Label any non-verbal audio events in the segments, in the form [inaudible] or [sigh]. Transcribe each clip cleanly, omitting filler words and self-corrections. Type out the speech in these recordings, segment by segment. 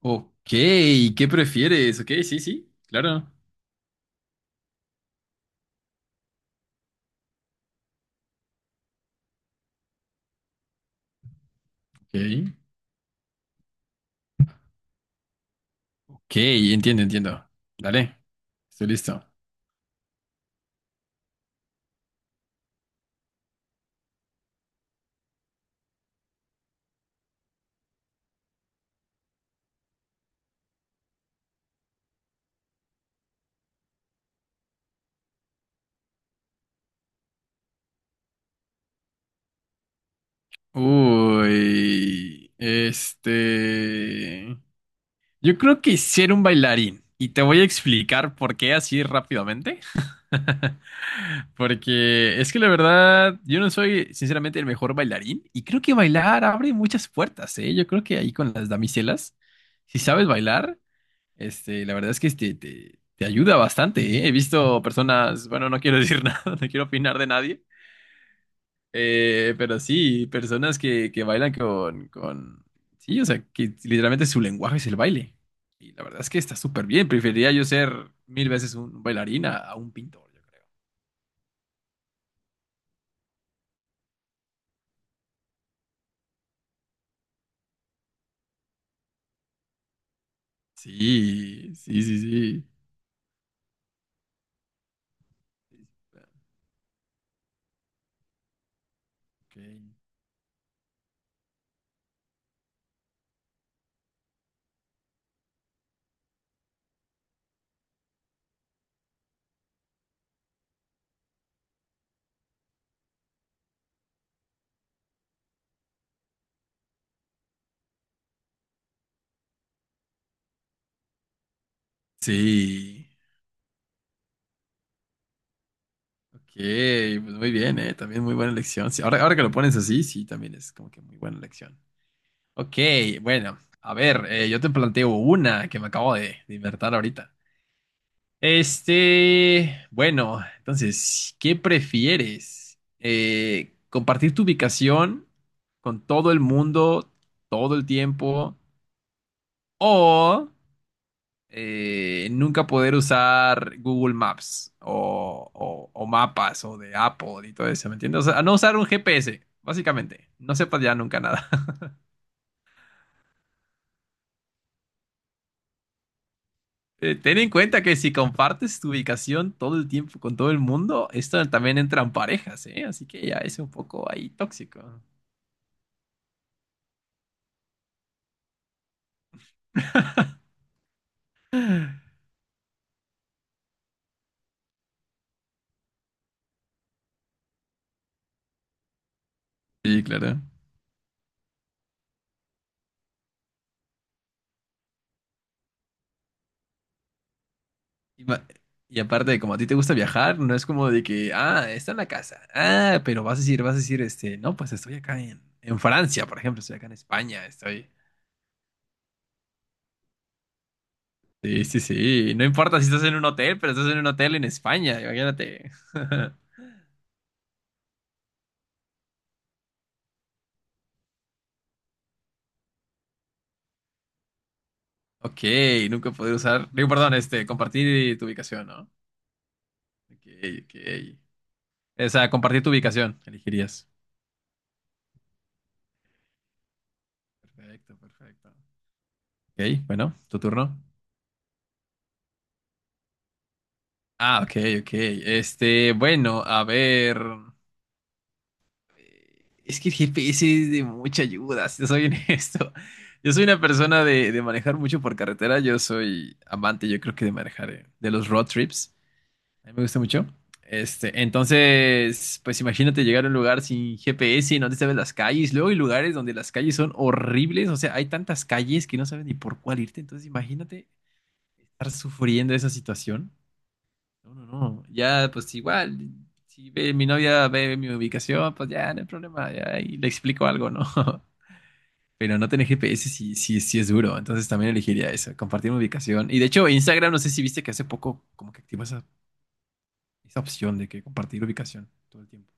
Ok, ¿qué prefieres? Ok, sí, sí, claro. Ok, ok, entiendo, entiendo. Dale, estoy listo. Uy, yo creo que ser un bailarín. Y te voy a explicar por qué así rápidamente. [laughs] Porque es que la verdad, yo no soy sinceramente el mejor bailarín. Y creo que bailar abre muchas puertas, ¿eh? Yo creo que ahí con las damiselas, si sabes bailar. La verdad es que te ayuda bastante, ¿eh? He visto personas, bueno, no quiero decir [laughs] nada, no quiero opinar de nadie, pero sí, personas que bailan sí, o sea, que literalmente su lenguaje es el baile. Y la verdad es que está súper bien, preferiría yo ser mil veces un bailarín a un pintor, yo creo. Sí, sí, sí, sí. Ok. Sí, ok, pues muy bien, ¿eh? También muy buena elección. Sí, ahora que lo pones así, sí, también es como que muy buena elección. Ok, bueno, a ver, yo te planteo una que me acabo de inventar ahorita. Bueno, entonces, ¿qué prefieres? ¿Compartir tu ubicación con todo el mundo todo el tiempo o nunca poder usar Google Maps o mapas o de Apple y todo eso, ¿me entiendes? O sea, no usar un GPS, básicamente. No sepas ya nunca nada. Ten en cuenta que si compartes tu ubicación todo el tiempo con todo el mundo, esto también entra en parejas, ¿eh? Así que ya es un poco ahí tóxico. Sí, claro. Y, ma- y aparte, como a ti te gusta viajar, no es como de que, ah, está en la casa. Ah, pero vas a decir, no, pues estoy acá en Francia, por ejemplo, estoy acá en España, estoy. Sí, sí, sí. No importa si estás en un hotel, pero estás en un hotel en España, imagínate. [laughs] Ok, nunca poder usar. Digo, perdón, compartir tu ubicación, ¿no? Ok, ok. O sea, compartir tu ubicación, elegirías. Perfecto, perfecto. Ok, bueno, tu turno. Ah, ok, ok. Bueno, a ver. Es que el GPS es de mucha ayuda, si te soy [laughs] honesto. Yo soy una persona de manejar mucho por carretera. Yo soy amante, yo creo que de manejar, de los road trips. A mí me gusta mucho. Entonces, pues imagínate llegar a un lugar sin GPS, no te sabes las calles. Luego hay lugares donde las calles son horribles, o sea, hay tantas calles que no sabes ni por cuál irte. Entonces, imagínate estar sufriendo esa situación. No, no, no. Ya, pues igual, si ve mi novia ve mi ubicación, pues ya no hay problema, ya ahí le explico algo, ¿no? [laughs] Pero no tener GPS sí, sí, sí es duro. Entonces, también elegiría eso, compartir mi ubicación. Y de hecho, Instagram, no sé si viste que hace poco como que activó esa esa opción de que compartir ubicación todo el tiempo.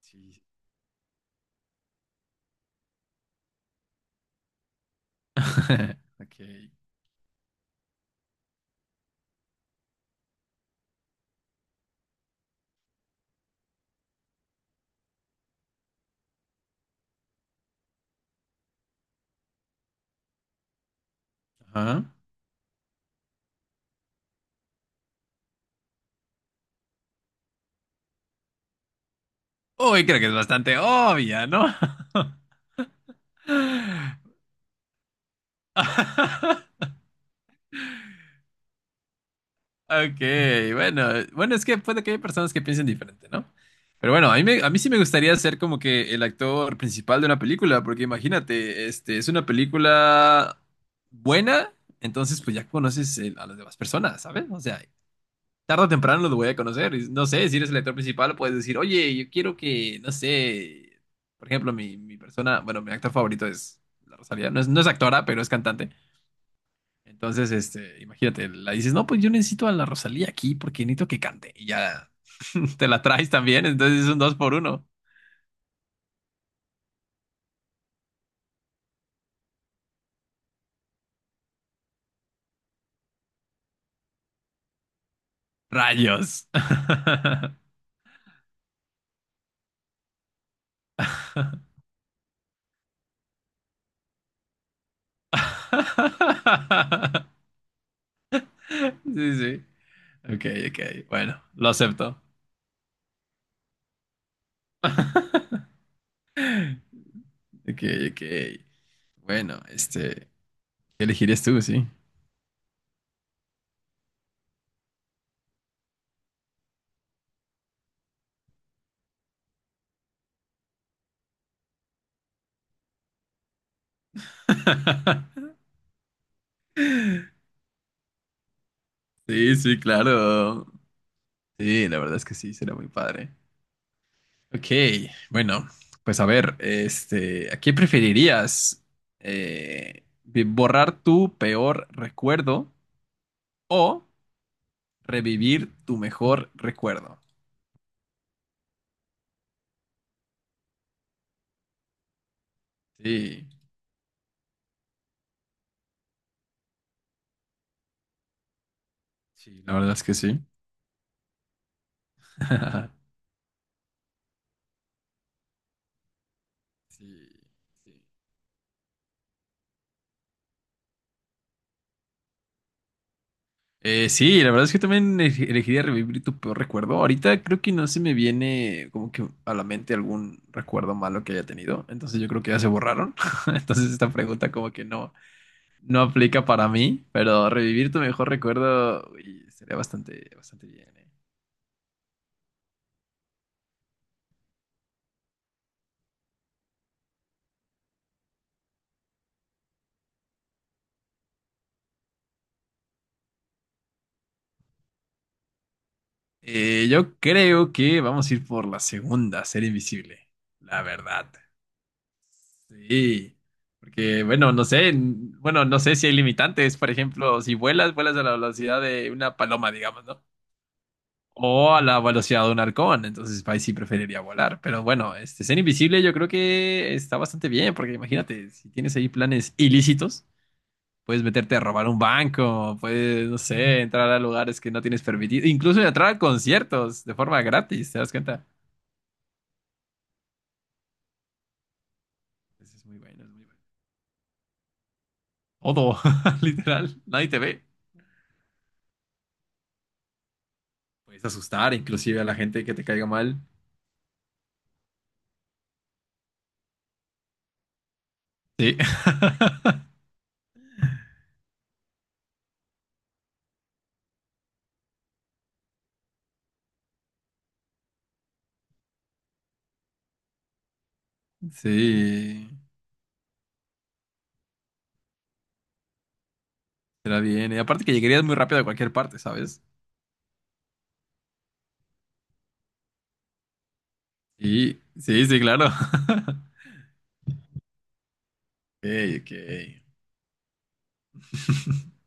Sí. [laughs] Ok. Ajá. Uy, creo que es bastante obvia, ¿no? [laughs] Ok, bueno, bueno, es que puede que haya personas que piensen diferente, ¿no? Pero bueno, a mí, a mí sí me gustaría ser como que el actor principal de una película, porque imagínate, es una película buena, entonces pues ya conoces a las demás personas, ¿sabes? O sea, tarde o temprano los voy a conocer. Y no sé, si eres el actor principal, puedes decir, oye, yo quiero que, no sé, por ejemplo, mi persona, bueno, mi actor favorito es la Rosalía. No es, no es actora, pero es cantante. Entonces, imagínate, la dices, no, pues yo necesito a la Rosalía aquí porque necesito que cante. Y ya [laughs] te la traes también, entonces es un dos por uno. Rayos. [laughs] Sí, sí. Ok, ok. Bueno, lo acepto. [laughs] Ok, ok. Bueno, ¿qué elegirías tú, sí? [laughs] Sí, sí, claro. Sí, la verdad es que sí, será muy padre. Ok, bueno, pues a ver, ¿a qué preferirías? ¿Borrar tu peor recuerdo o revivir tu mejor recuerdo? Sí, sí, la verdad es que sí. [laughs] Sí, sí. Sí, la verdad es que también elegiría revivir tu peor recuerdo. Ahorita creo que no se me viene como que a la mente algún recuerdo malo que haya tenido. Entonces yo creo que ya se borraron. [laughs] Entonces esta pregunta como que no aplica para mí, pero revivir tu mejor recuerdo uy, sería bastante, bastante bien, ¿eh? Yo creo que vamos a ir por la segunda, ser invisible. La verdad. Sí, porque bueno, no sé, bueno, no sé si hay limitantes, por ejemplo, si vuelas, vuelas a la velocidad de una paloma, digamos, ¿no? O a la velocidad de un halcón, entonces ahí sí preferiría volar, pero bueno, ser invisible yo creo que está bastante bien, porque imagínate, si tienes ahí planes ilícitos, puedes meterte a robar un banco, puedes, no sé, entrar a lugares que no tienes permitido, incluso entrar a conciertos de forma gratis, ¿te das cuenta? Eso es muy bueno, es muy bueno. Todo, [laughs] literal, nadie te ve. Puedes asustar inclusive a la gente que te caiga mal. Sí. [laughs] Sí, será bien. Y aparte que llegarías muy rápido a cualquier parte, ¿sabes? Sí, sí, sí, claro. [laughs] Ok, ok. [laughs]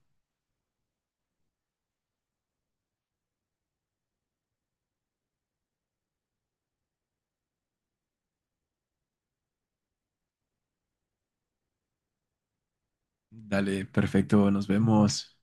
Dale, perfecto, nos vemos.